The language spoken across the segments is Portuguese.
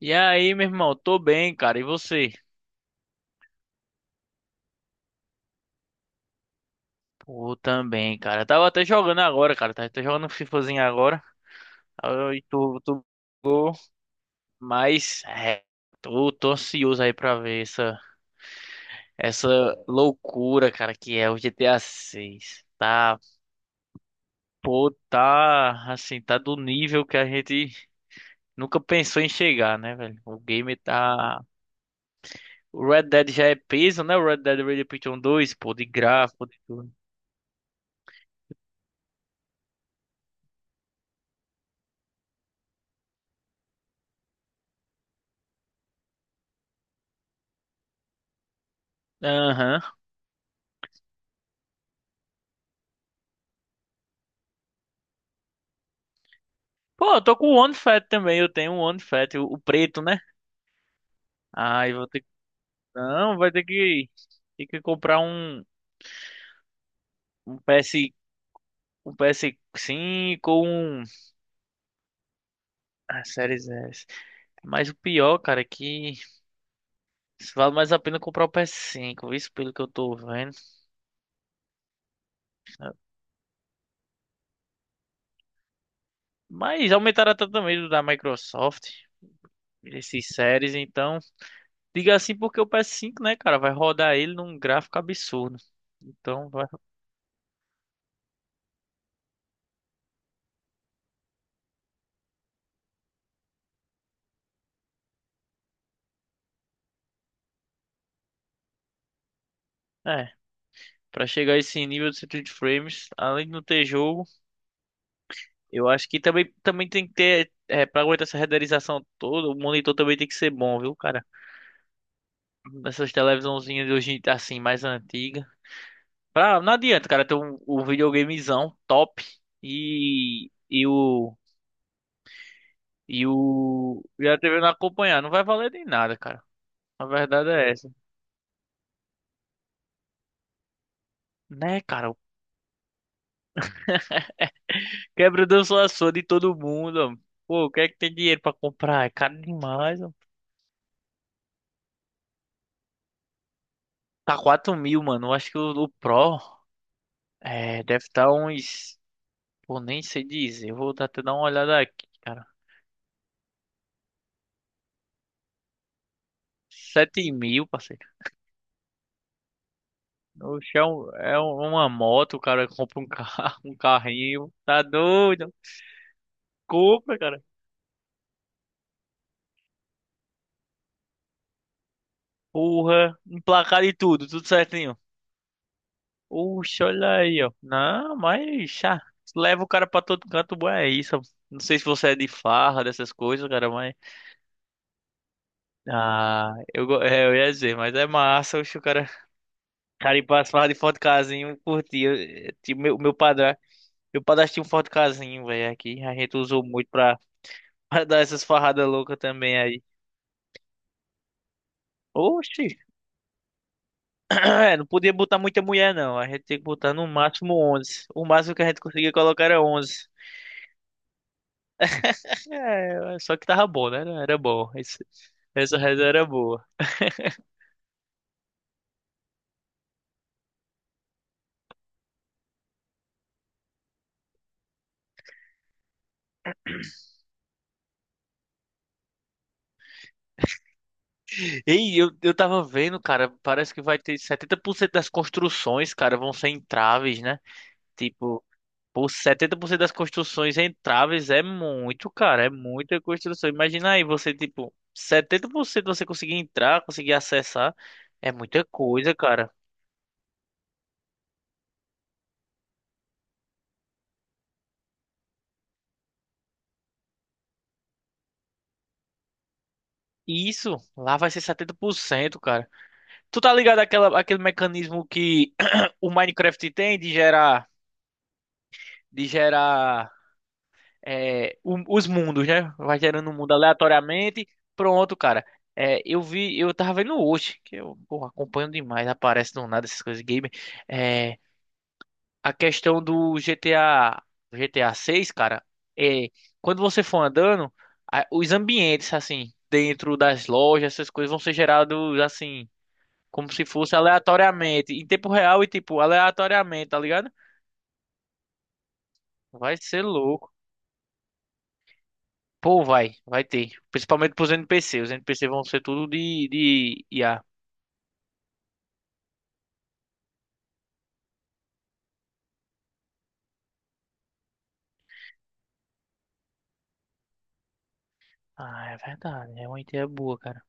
E aí, meu irmão, tô bem, cara. E você? Pô, também, cara. Eu tava até jogando agora, cara. Tava até jogando um FIFAzinho agora. Aí tu, tu, tu- mas é, tô, tô, ansioso aí pra ver essa loucura, cara, que é o GTA 6. Tá, pô, tá, assim, tá do nível que a gente nunca pensou em chegar, né, velho? O game tá. O Red Dead já é peso, né? O Red Dead Redemption 2, pô, de gráfico, de tudo. Aham. Pô, eu tô com o One Fat também. Eu tenho um One Fat, o preto, né? Ai, vou ter que. Não, vai ter que. Ter que comprar um PS, um ps cinco ou um. Ah, Series S. Mas o pior, cara, é que vale mais a pena comprar o ps cinco, isso pelo que eu tô vendo. Mas aumentaram até também do da Microsoft, esses séries, então. Diga assim porque o ps cinco, né, cara, vai rodar ele num gráfico absurdo. Então vai. é, Pra chegar a esse nível de 120 frames, além de não ter jogo, eu acho que também tem que ter, é, pra aguentar essa renderização toda, o monitor também tem que ser bom, viu, cara? Essas televisãozinhas de hoje, assim, mais antiga. Não adianta, cara, ter um videogamezão top e, e o, e a TV não acompanhar, não vai valer de nada, cara. A verdade é essa. Né, cara? Quebra o danço de todo mundo, ó. Pô, o que é que tem dinheiro pra comprar? É caro demais. Tá 4.000, mano. Eu acho que o Pro é, deve estar uns. Pô, nem sei dizer. Eu vou até dar uma olhada aqui, cara. 7.000, parceiro. Oxe, é, uma moto, o cara compra um carro, um carrinho. Tá doido? Compra, cara. Porra, emplacado e tudo, tudo certinho. Oxe, olha aí, ó. Não, mas ah, leva o cara pra todo canto, bom, é isso. Não sei se você é de farra, dessas coisas, cara, mas. Ah, é, eu ia dizer, mas é massa, oxe, o cara. Cara, e pra falar de Ford Casinho, eu curti. Tipo, meu padrasto, meu padrasto tinha um Ford Casinho, velho, aqui. A gente usou muito pra, pra dar essas farradas loucas também aí. Oxi, não podia botar muita mulher, não. A gente tinha que botar no máximo 11. O máximo que a gente conseguia colocar era 11. É, só que tava bom, né? Era bom. Essa reza era boa. Ei, eu tava vendo, cara, parece que vai ter 70% das construções, cara, vão ser entraves, né? Tipo, por 70% das construções entráveis é muito, cara. É muita construção. Imagina aí você, tipo, 70% você conseguir entrar, conseguir acessar. É muita coisa, cara. E isso, lá vai ser 70%, cara. Tu tá ligado àquela, àquele mecanismo que o Minecraft tem de gerar, os mundos, né? Vai gerando um mundo aleatoriamente. Pronto, cara. É, eu vi, eu tava vendo hoje, que eu, pô, acompanho demais, aparece do nada essas coisas de game. A questão do GTA 6, cara, é quando você for andando, os ambientes assim, dentro das lojas, essas coisas vão ser gerados assim, como se fosse aleatoriamente, em tempo real e tipo aleatoriamente, tá ligado? Vai ser louco. Pô, vai ter. Principalmente pros NPC. Os NPC vão ser tudo de IA. Ah, é verdade. É uma ideia boa, cara.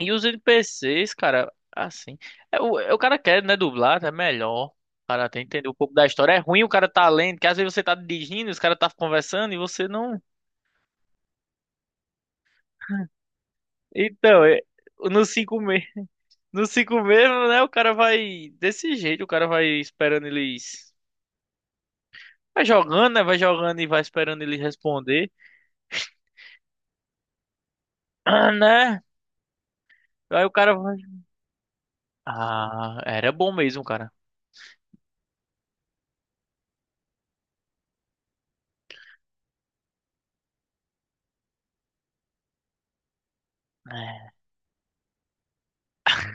E os NPCs, cara, assim. O cara quer, né, dublar, é melhor. O cara tem que entender um pouco da história. É ruim o cara tá lendo, que às vezes você tá dirigindo, os caras tá conversando e você não. Então, no 5 mesmo, né, o cara vai desse jeito, o cara vai esperando eles. Vai jogando, né? Vai jogando e vai esperando eles responder. Ah, né? Aí o cara vai. Ah, era bom mesmo, cara.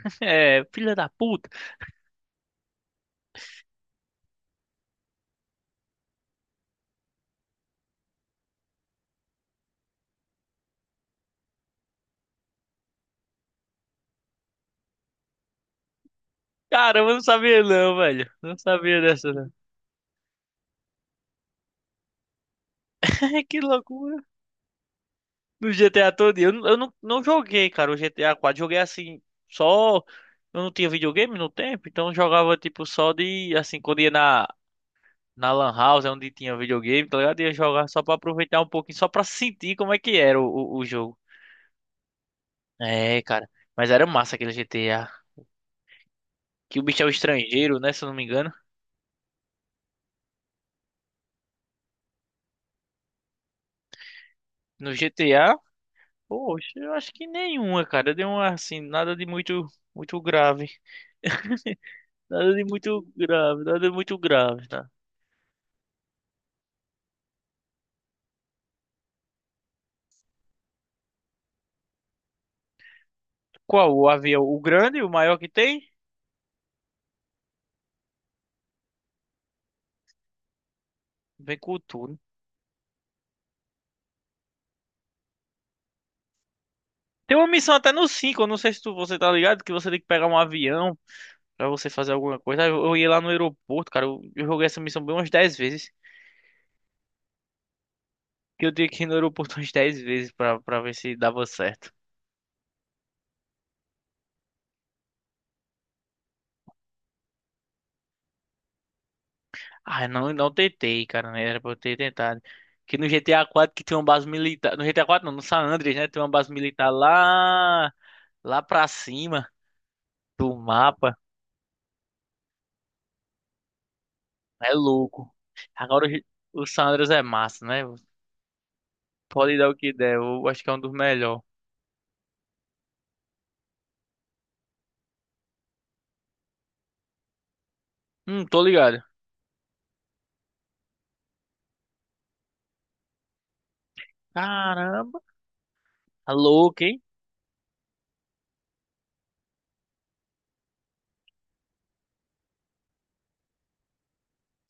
É, é, filha da puta. Cara, eu não sabia não, velho. Não sabia dessa. Que loucura. No GTA todo dia. Eu não joguei, cara, o GTA 4. Joguei assim, só. Eu não tinha videogame no tempo, então eu jogava tipo só de. Assim, quando ia na Lan House, é onde tinha videogame, tá ligado? Ia jogar só pra aproveitar um pouquinho, só pra sentir como é que era o jogo. É, cara. Mas era massa aquele GTA. Que o bicho é o estrangeiro, né? Se eu não me engano. No GTA, poxa, eu acho que nenhuma, cara. Deu uma assim, nada de muito, muito grave. Nada de muito grave, nada de muito grave, tá? Qual? O avião? O grande, o maior que tem? Vem com tudo. Tem uma missão até no 5 eu não sei se você tá ligado, que você tem que pegar um avião pra você fazer alguma coisa. Eu ia lá no aeroporto, cara, eu joguei essa missão bem umas 10 vezes. Que eu tinha que ir no aeroporto umas 10 vezes pra ver se dava certo. Ah, não, não tentei, cara, né? Era pra eu ter tentado. Que no GTA 4 que tem uma base militar. No GTA 4 não, no San Andreas, né? Tem uma base militar lá pra cima do mapa. É louco. Agora o San Andreas é massa, né? Pode dar o que der. Eu acho que é um dos melhores. Tô ligado. Caramba, tá louco, hein?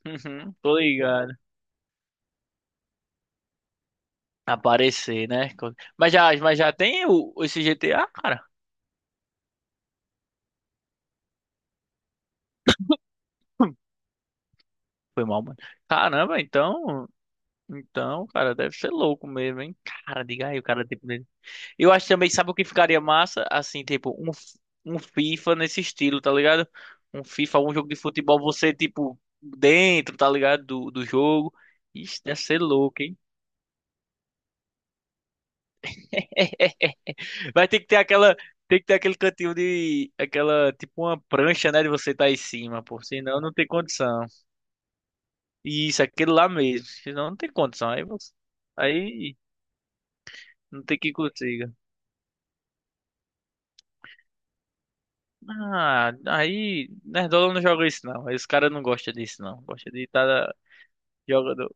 Uhum, tô ligado. Aparecer, né? Mas já tem esse GTA, cara. Hum. Foi mal, mano. Caramba, então. Então, cara, deve ser louco mesmo, hein? Cara, diga aí, o cara, tipo, dele. Eu acho também, sabe o que ficaria massa? Assim, tipo, um FIFA nesse estilo, tá ligado? Um FIFA, um jogo de futebol, você, tipo, dentro, tá ligado? Do jogo. Isso deve ser louco, hein? Vai ter que ter aquela, tem que ter aquele cantinho de, aquela, tipo uma prancha, né, de você estar em cima, pô, senão não tem condição. E isso, aquele lá mesmo, senão não tem condição, aí você, aí não tem que consiga. Ah, aí, Nerdola não joga isso não, aí os caras não gostam disso não, gosta de estar jogando.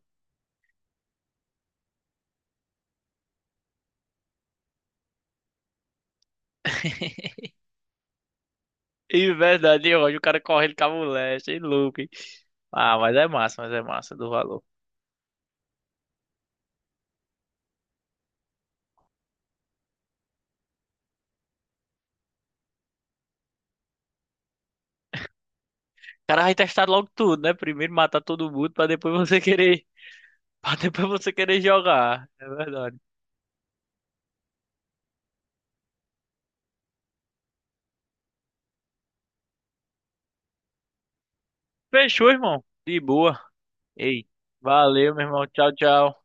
E verdade, hoje o cara correndo com a mulher, achei louco, hein? Ah, mas é massa do valor. O cara vai testar logo tudo, né? Primeiro matar todo mundo pra depois você querer Pra depois você querer jogar. É verdade. Fechou, irmão. De boa. Ei, valeu, meu irmão. Tchau, tchau.